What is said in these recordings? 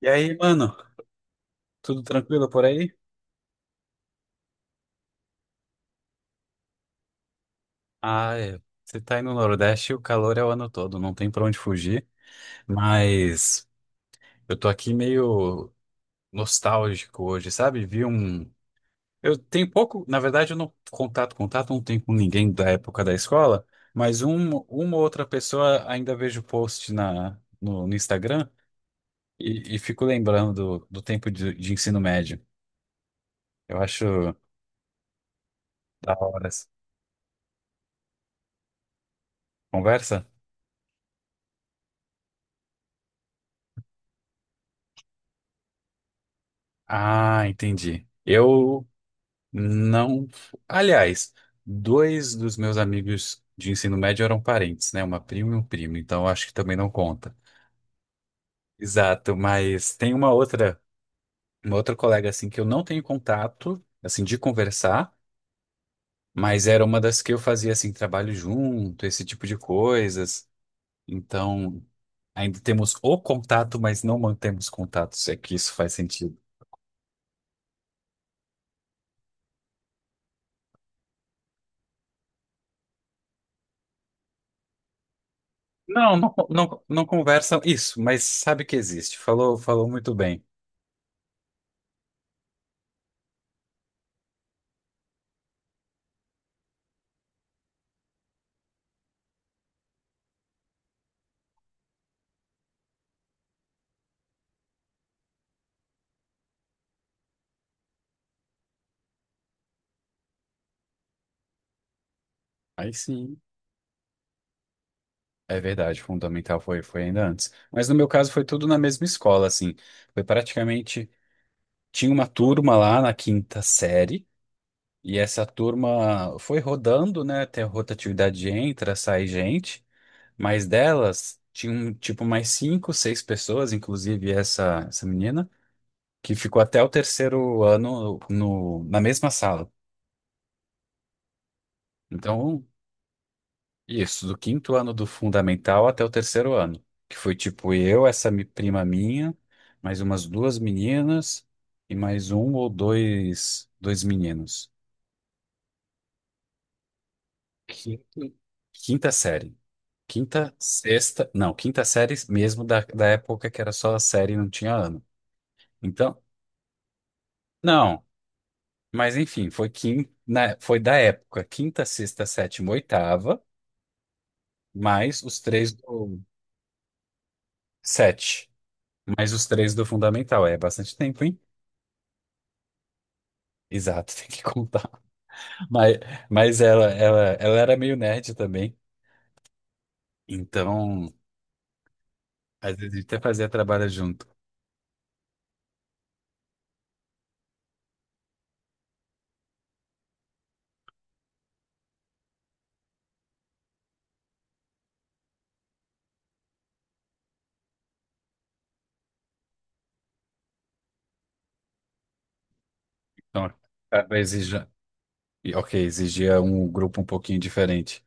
E aí, mano, tudo tranquilo por aí? Ah, é. Você tá aí no Nordeste, o calor é o ano todo, não tem pra onde fugir. Mas eu tô aqui meio nostálgico hoje, sabe? Vi um. Eu tenho pouco, na verdade, eu não contato, contato não tenho com ninguém da época da escola, mas uma ou outra pessoa ainda vejo post na, no, no Instagram e fico lembrando do tempo de ensino médio. Eu acho da hora essa conversa. Ah, entendi. Eu Não. Aliás, dois dos meus amigos de ensino médio eram parentes, né? Uma prima e um primo, então acho que também não conta. Exato, mas tem uma outra, colega assim, que eu não tenho contato, assim, de conversar, mas era uma das que eu fazia assim trabalho junto, esse tipo de coisas. Então, ainda temos o contato, mas não mantemos contato, se é que isso faz sentido. Não, não, não, não conversam isso, mas sabe que existe. Falou, falou muito bem. Aí sim. É verdade, fundamental foi, foi ainda antes. Mas no meu caso foi tudo na mesma escola, assim. Foi praticamente. Tinha uma turma lá na quinta série, e essa turma foi rodando, né? Tem a rotatividade de entra, sai gente, mas delas tinham tipo mais cinco, seis pessoas, inclusive essa menina, que ficou até o terceiro ano no, na mesma sala. Então Isso, do quinto ano do fundamental até o terceiro ano, que foi tipo eu, essa prima minha, mais umas duas meninas e mais um ou dois meninos. Quinto- Quinta série. Quinta, sexta, não, quinta série mesmo da época que era só a série e não tinha ano. Então, não, mas enfim, foi da época, quinta, sexta, sétima, oitava, mais os três do sete, mais os três do fundamental. É bastante tempo, hein? Exato, tem que contar. Mas, mas ela era meio nerd também, então às vezes a gente até fazia trabalho junto. Então, acaba exigia, e, ok, exigia um grupo um pouquinho diferente.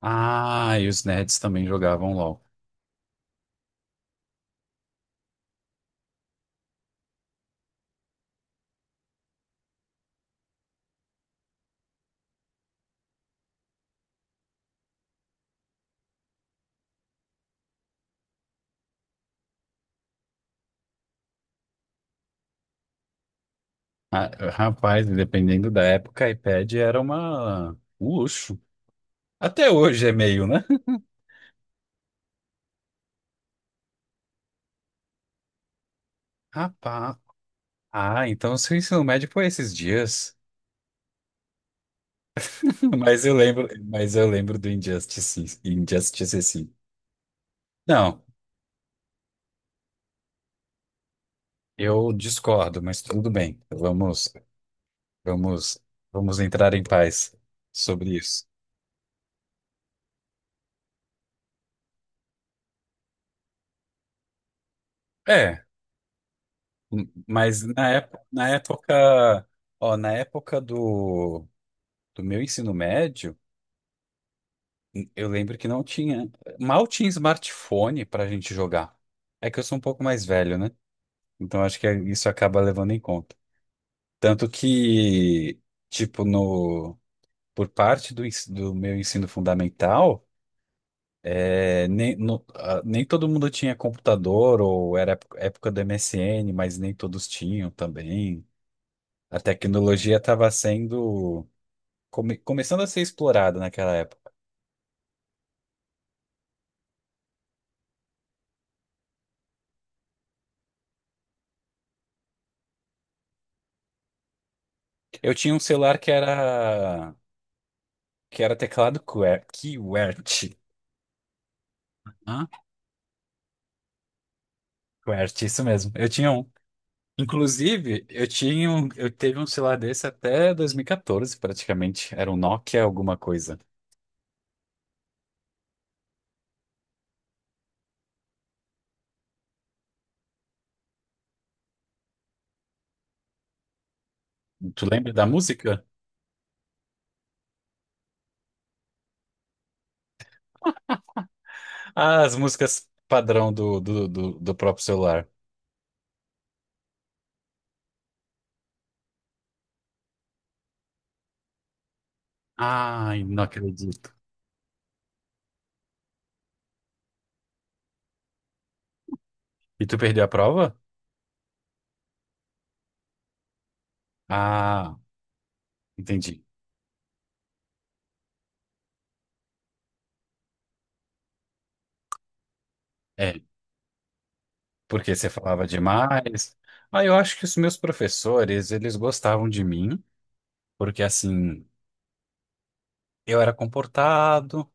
Ah, e os nerds também jogavam LOL. Ah, rapaz, dependendo da época, iPad era uma um luxo. Até hoje é meio, né? Rapaz, ah, então o seu ensino médio foi esses dias. Mas eu lembro do Injustice, sim. Não. Eu discordo, mas tudo bem. Vamos, vamos, vamos entrar em paz sobre isso. É, mas na época, ó, na época do meu ensino médio, eu lembro que não tinha, mal tinha smartphone para a gente jogar. É que eu sou um pouco mais velho, né? Então acho que é, isso acaba levando em conta. Tanto que, tipo, no, por parte do meu ensino fundamental. É, nem, no- ah, nem todo mundo tinha computador, ou era época do MSN, mas nem todos tinham também. A tecnologia estava sendo, começando a ser explorada naquela época. Eu tinha um celular que era, teclado QWERTY. Hã? QWERTY, isso mesmo. Eu tinha um. Inclusive, eu teve um celular desse até 2014, praticamente. Era um Nokia alguma coisa. Tu lembra da música? Ah, as músicas padrão do próprio celular. Ai, não acredito. E tu perdeu a prova? Ah, entendi. É, porque você falava demais. Ah, eu acho que os meus professores, eles gostavam de mim, porque assim, eu era comportado,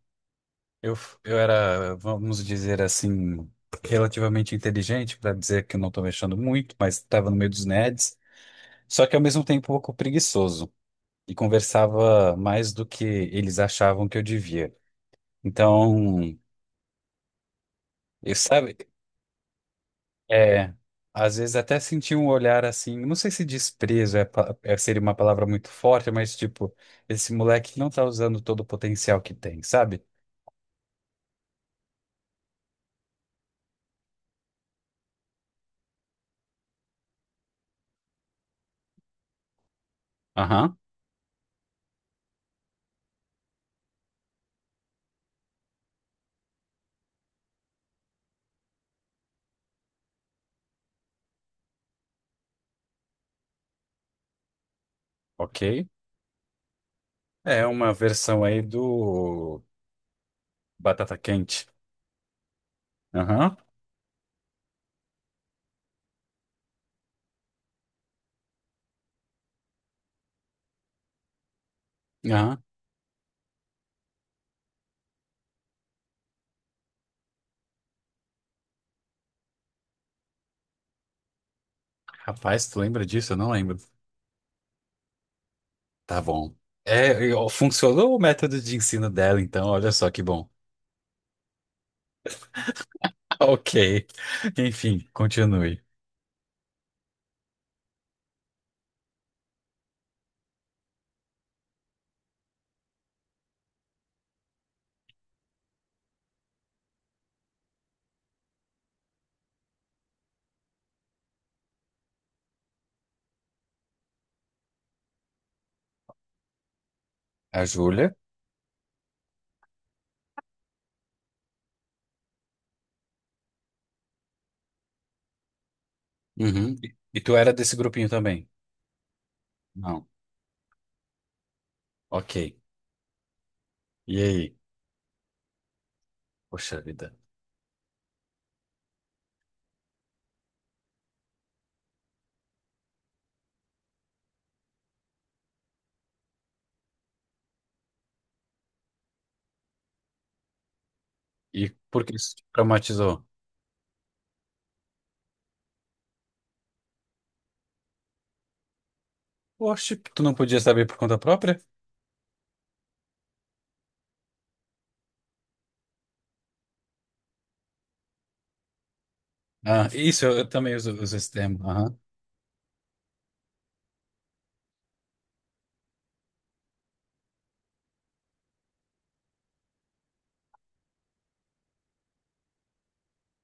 eu, eu era, vamos dizer assim, relativamente inteligente, para dizer que eu não estou mexendo muito, mas estava no meio dos nerds, só que ao mesmo tempo um pouco preguiçoso. E conversava mais do que eles achavam que eu devia. Então, eu sabe, é, às vezes até senti um olhar assim, não sei se desprezo é, seria uma palavra muito forte, mas tipo, esse moleque não tá usando todo o potencial que tem, sabe? Aham, ok. É uma versão aí do Batata Quente. Aham, aham. Rapaz, tu lembra disso? Eu não lembro. Tá bom. É, funcionou o método de ensino dela, então, olha só que bom. Ok. Enfim, continue. A Júlia. Uhum. E tu era desse grupinho também? Não. Ok. E aí? Poxa vida. E por que isso te traumatizou? Oxe, tu não podia saber por conta própria? Ah, isso, eu também uso esse termo. Aham.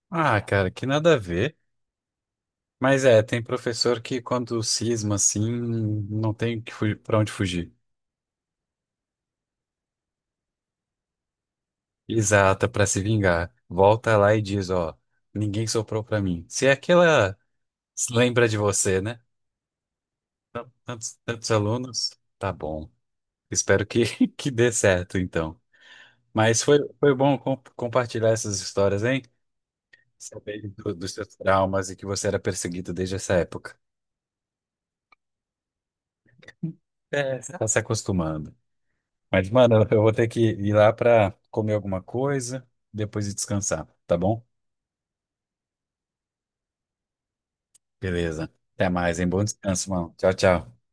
Ah, cara, que nada a ver. Mas é, tem professor que, quando cisma assim, não tem pra onde fugir. Exata, pra se vingar. Volta lá e diz, ó, ninguém soprou pra mim. Se é aquela, se lembra de você, né? Tantos, tantos alunos, tá bom. Espero que, que dê certo, então. Mas foi bom compartilhar essas histórias, hein? Saber dos seus traumas e que você era perseguido desde essa época. É, você tá se acostumando. Mas, mano, eu vou ter que ir lá pra comer alguma coisa, depois ir descansar, tá bom? Beleza. Até mais, hein? Bom descanso, mano. Tchau, tchau.